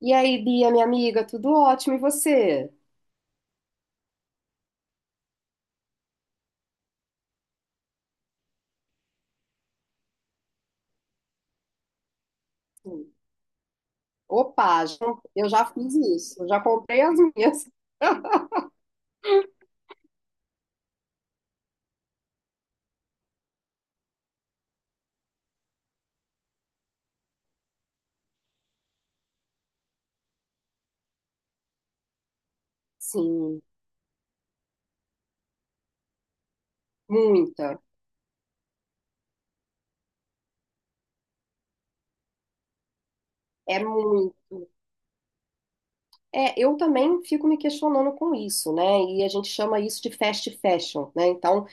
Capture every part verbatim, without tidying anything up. E aí, Bia, minha amiga, tudo ótimo, e você? Sim. Opa, já- eu já fiz isso, eu já comprei as minhas. Sim, muita, é muito. É, eu também fico me questionando com isso, né? E a gente chama isso de fast fashion, né? Então,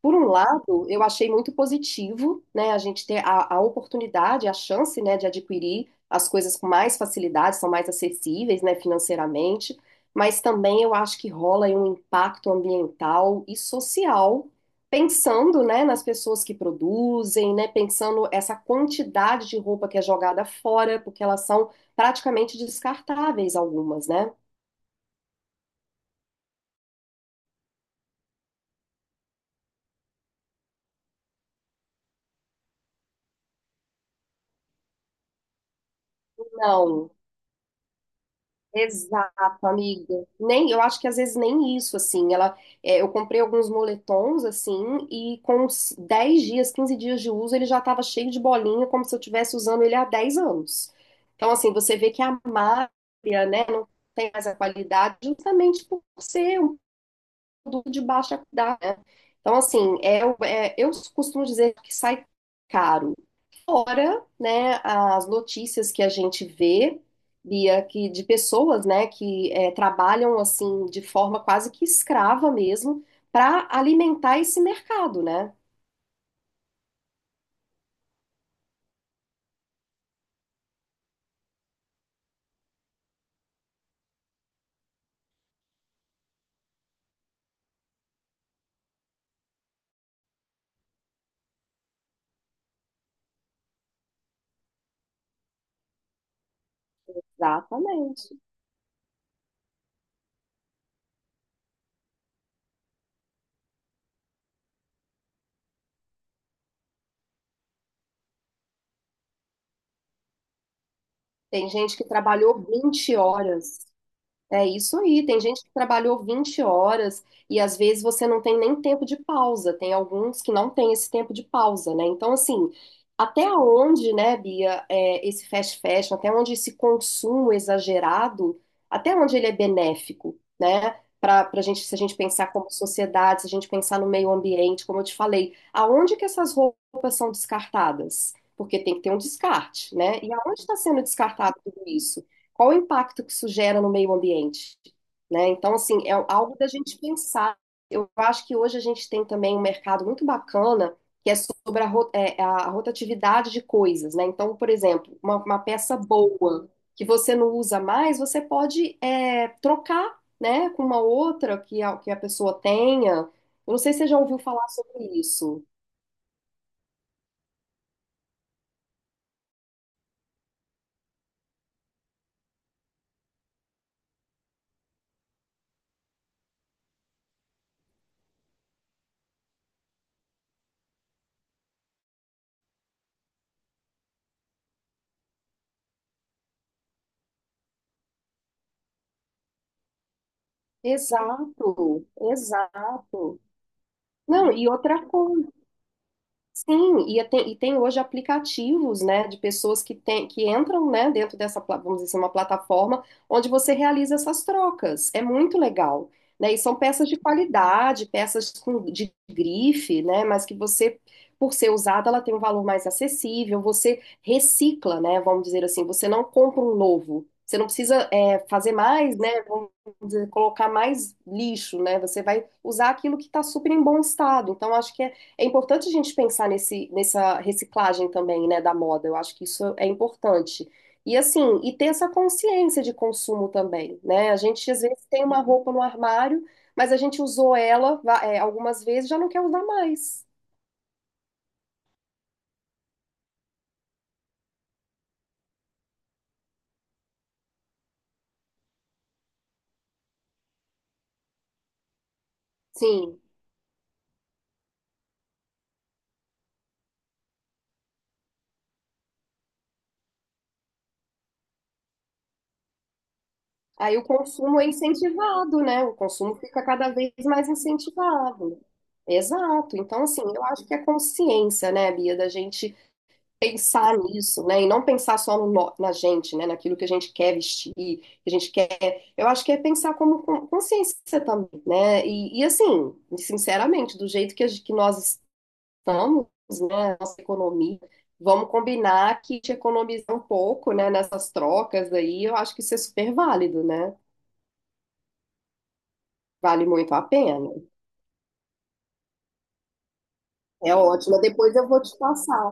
por um lado, eu achei muito positivo, né, a gente ter a, a oportunidade, a chance, né, de adquirir as coisas com mais facilidade, são mais acessíveis, né, financeiramente, mas também eu acho que rola aí um impacto ambiental e social, pensando, né, nas pessoas que produzem, né, pensando essa quantidade de roupa que é jogada fora, porque elas são praticamente descartáveis algumas, né? Não. Exato, amiga. Nem, eu acho que às vezes nem isso, assim. Ela, é, eu comprei alguns moletons, assim, e com uns dez dias, quinze dias de uso, ele já estava cheio de bolinha, como se eu estivesse usando ele há dez anos. Então, assim, você vê que a malha, né, não tem mais a qualidade, justamente por ser um produto de baixa qualidade, né? Então, assim, é, o- é, eu costumo dizer que sai caro. Fora, né, as notícias que a gente vê, Bia, que de pessoas, né, que eh, trabalham assim de forma quase que escrava mesmo para alimentar esse mercado, né? Exatamente. Tem gente que trabalhou vinte horas. É isso aí. Tem gente que trabalhou vinte horas e às vezes você não tem nem tempo de pausa. Tem alguns que não têm esse tempo de pausa, né? Então, assim, até onde, né, Bia, é, esse fast fashion, até onde esse consumo exagerado, até onde ele é benéfico, né? Para para gente, se a gente pensar como sociedade, se a gente pensar no meio ambiente, como eu te falei, aonde que essas roupas são descartadas? Porque tem que ter um descarte, né? E aonde está sendo descartado tudo isso? Qual o impacto que isso gera no meio ambiente? Né? Então, assim, é algo da gente pensar. Eu acho que hoje a gente tem também um mercado muito bacana que é sobre a, ro- é, a rotatividade de coisas, né? Então, por exemplo, uma, uma peça boa que você não usa mais, você pode é, trocar, né, com uma outra que a, que a pessoa tenha. Eu não sei se você já ouviu falar sobre isso. Exato, exato. Não, e outra coisa. Sim, e a- tem, e tem hoje aplicativos, né, de pessoas que, tem, que entram, né, dentro dessa, pla- vamos dizer assim, uma plataforma onde você realiza essas trocas. É muito legal, né? E são peças de qualidade, peças com, de grife, né, mas que você, por ser usada, ela tem um valor mais acessível. Você recicla, né, vamos dizer assim, você não compra um novo. Você não precisa, é, fazer mais, né, vamos dizer, colocar mais lixo, né? Você vai usar aquilo que está super em bom estado. Então, acho que é é importante a gente pensar nesse, nessa reciclagem também, né, da moda. Eu acho que isso é importante. E assim, e ter essa consciência de consumo também, né? A gente às vezes tem uma roupa no armário, mas a gente usou ela, va- é, algumas vezes, e já não quer usar mais. Sim. Aí o consumo é incentivado, né? O consumo fica cada vez mais incentivado. Exato. Então, assim, eu acho que é consciência, né, Bia, da gente pensar nisso, né? E não pensar só no nó- na gente, né? Naquilo que a gente quer vestir, que a gente quer. Eu acho que é pensar como con- consciência também, né? E, e, assim, sinceramente, do jeito que, a gente- que nós estamos, né? Nossa economia, vamos combinar que te economizar um pouco, né? Nessas trocas aí, eu acho que isso é super válido, né? Vale muito a pena. É ótimo. Depois eu vou te passar.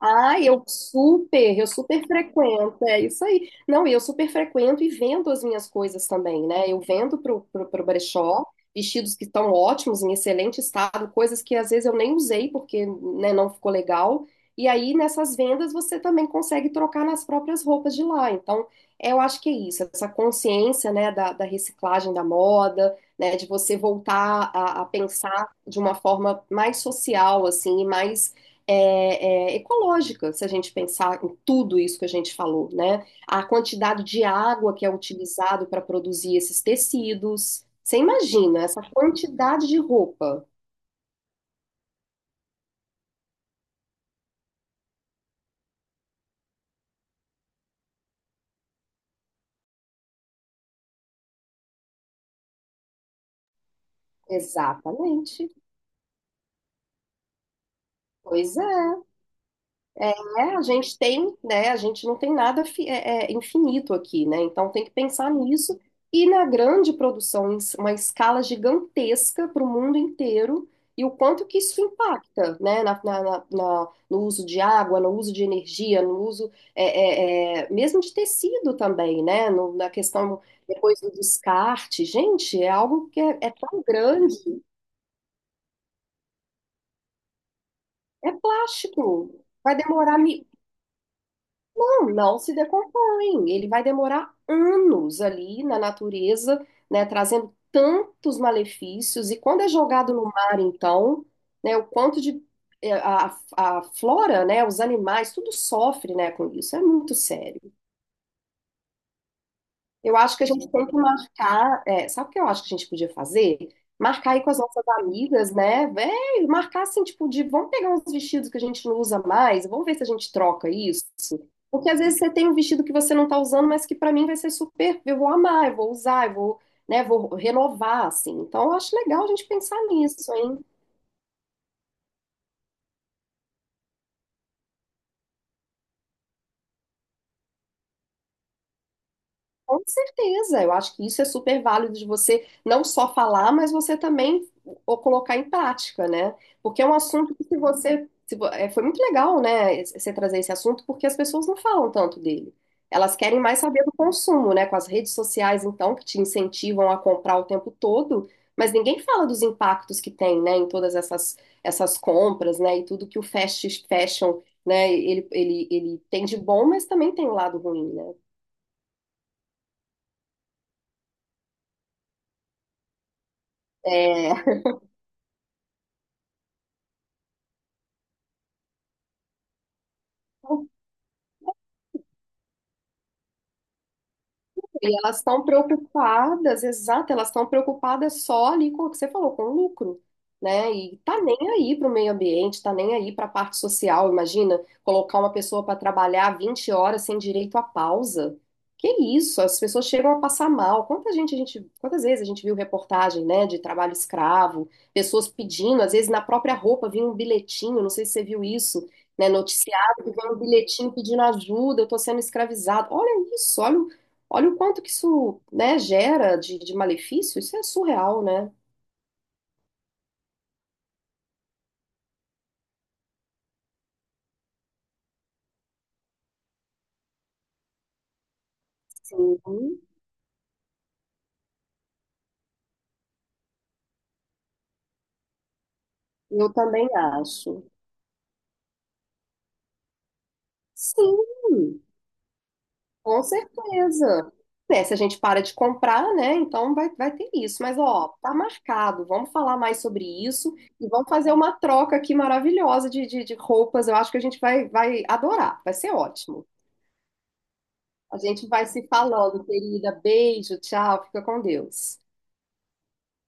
Ah, eu super, eu super frequento, é isso aí. Não, e eu super frequento e vendo as minhas coisas também, né? Eu vendo pro, pro, pro brechó vestidos que estão ótimos, em excelente estado, coisas que às vezes eu nem usei porque, né, não ficou legal. E aí nessas vendas você também consegue trocar nas próprias roupas de lá. Então, é, eu acho que é isso, essa consciência, né, da, da reciclagem da moda, né, de você voltar a, a pensar de uma forma mais social, assim, e mais é, é, ecológica, se a gente pensar em tudo isso que a gente falou, né? A quantidade de água que é utilizado para produzir esses tecidos. Você imagina essa quantidade de roupa? Exatamente. Pois é. É, a gente tem, né? A gente não tem nada fi- é, é, infinito aqui, né? Então tem que pensar nisso e na grande produção, em s- uma escala gigantesca para o mundo inteiro e o quanto que isso impacta, né? Na, na- na- na- no uso de água, no uso de energia, no uso é, é, é, mesmo de tecido também, né? No- na questão depois do descarte, gente, é algo que é é tão grande, é plástico. Vai demorar mi- Não, não se decompõe. Ele vai demorar anos ali na natureza, né, trazendo tantos malefícios. E quando é jogado no mar, então, né, o quanto de eh, a, a flora, né, os animais, tudo sofre, né, com isso. É muito sério. Eu acho que a gente tem que marcar. É, sabe o que eu acho que a gente podia fazer? Marcar aí com as nossas amigas, né? Véi, marcar assim, tipo, de vamos pegar uns vestidos que a gente não usa mais, vamos ver se a gente troca isso. Porque às vezes você tem um vestido que você não tá usando, mas que pra mim vai ser super. Eu vou amar, eu vou usar, eu vou, né, vou renovar, assim. Então eu acho legal a gente pensar nisso, hein? Com certeza, eu acho que isso é super válido de você não só falar, mas você também o colocar em prática, né? Porque é um assunto que se você, se vo- é, foi muito legal, né, esse- você trazer esse assunto, porque as pessoas não falam tanto dele. Elas querem mais saber do consumo, né? Com as redes sociais, então, que te incentivam a comprar o tempo todo, mas ninguém fala dos impactos que tem, né, em todas essas, essas compras, né, e tudo que o fast fashion, né, ele, ele, ele tem de bom, mas também tem o lado ruim, né? É. E elas estão preocupadas, exato, elas estão preocupadas só ali com o que você falou, com o lucro, né? E tá nem aí para o meio ambiente, tá nem aí para a parte social. Imagina colocar uma pessoa para trabalhar vinte horas sem direito à pausa. Que isso? As pessoas chegam a passar mal. Quanta gente a gente, quantas vezes a gente viu reportagem, né, de trabalho escravo, pessoas pedindo, às vezes na própria roupa vinha um bilhetinho, não sei se você viu isso, né, noticiado que vem um bilhetinho pedindo ajuda, eu tô sendo escravizado. Olha isso, olha. Olha o quanto que isso, né, gera de, de malefício, isso é surreal, né? Sim, eu também acho. Sim, com certeza. É, se a gente para de comprar, né? Então vai, vai ter isso. Mas, ó, tá marcado. Vamos falar mais sobre isso e vamos fazer uma troca aqui maravilhosa de, de, de roupas. Eu acho que a gente vai, vai adorar. Vai ser ótimo. A gente vai se falando, querida. Beijo, tchau. Fica com Deus.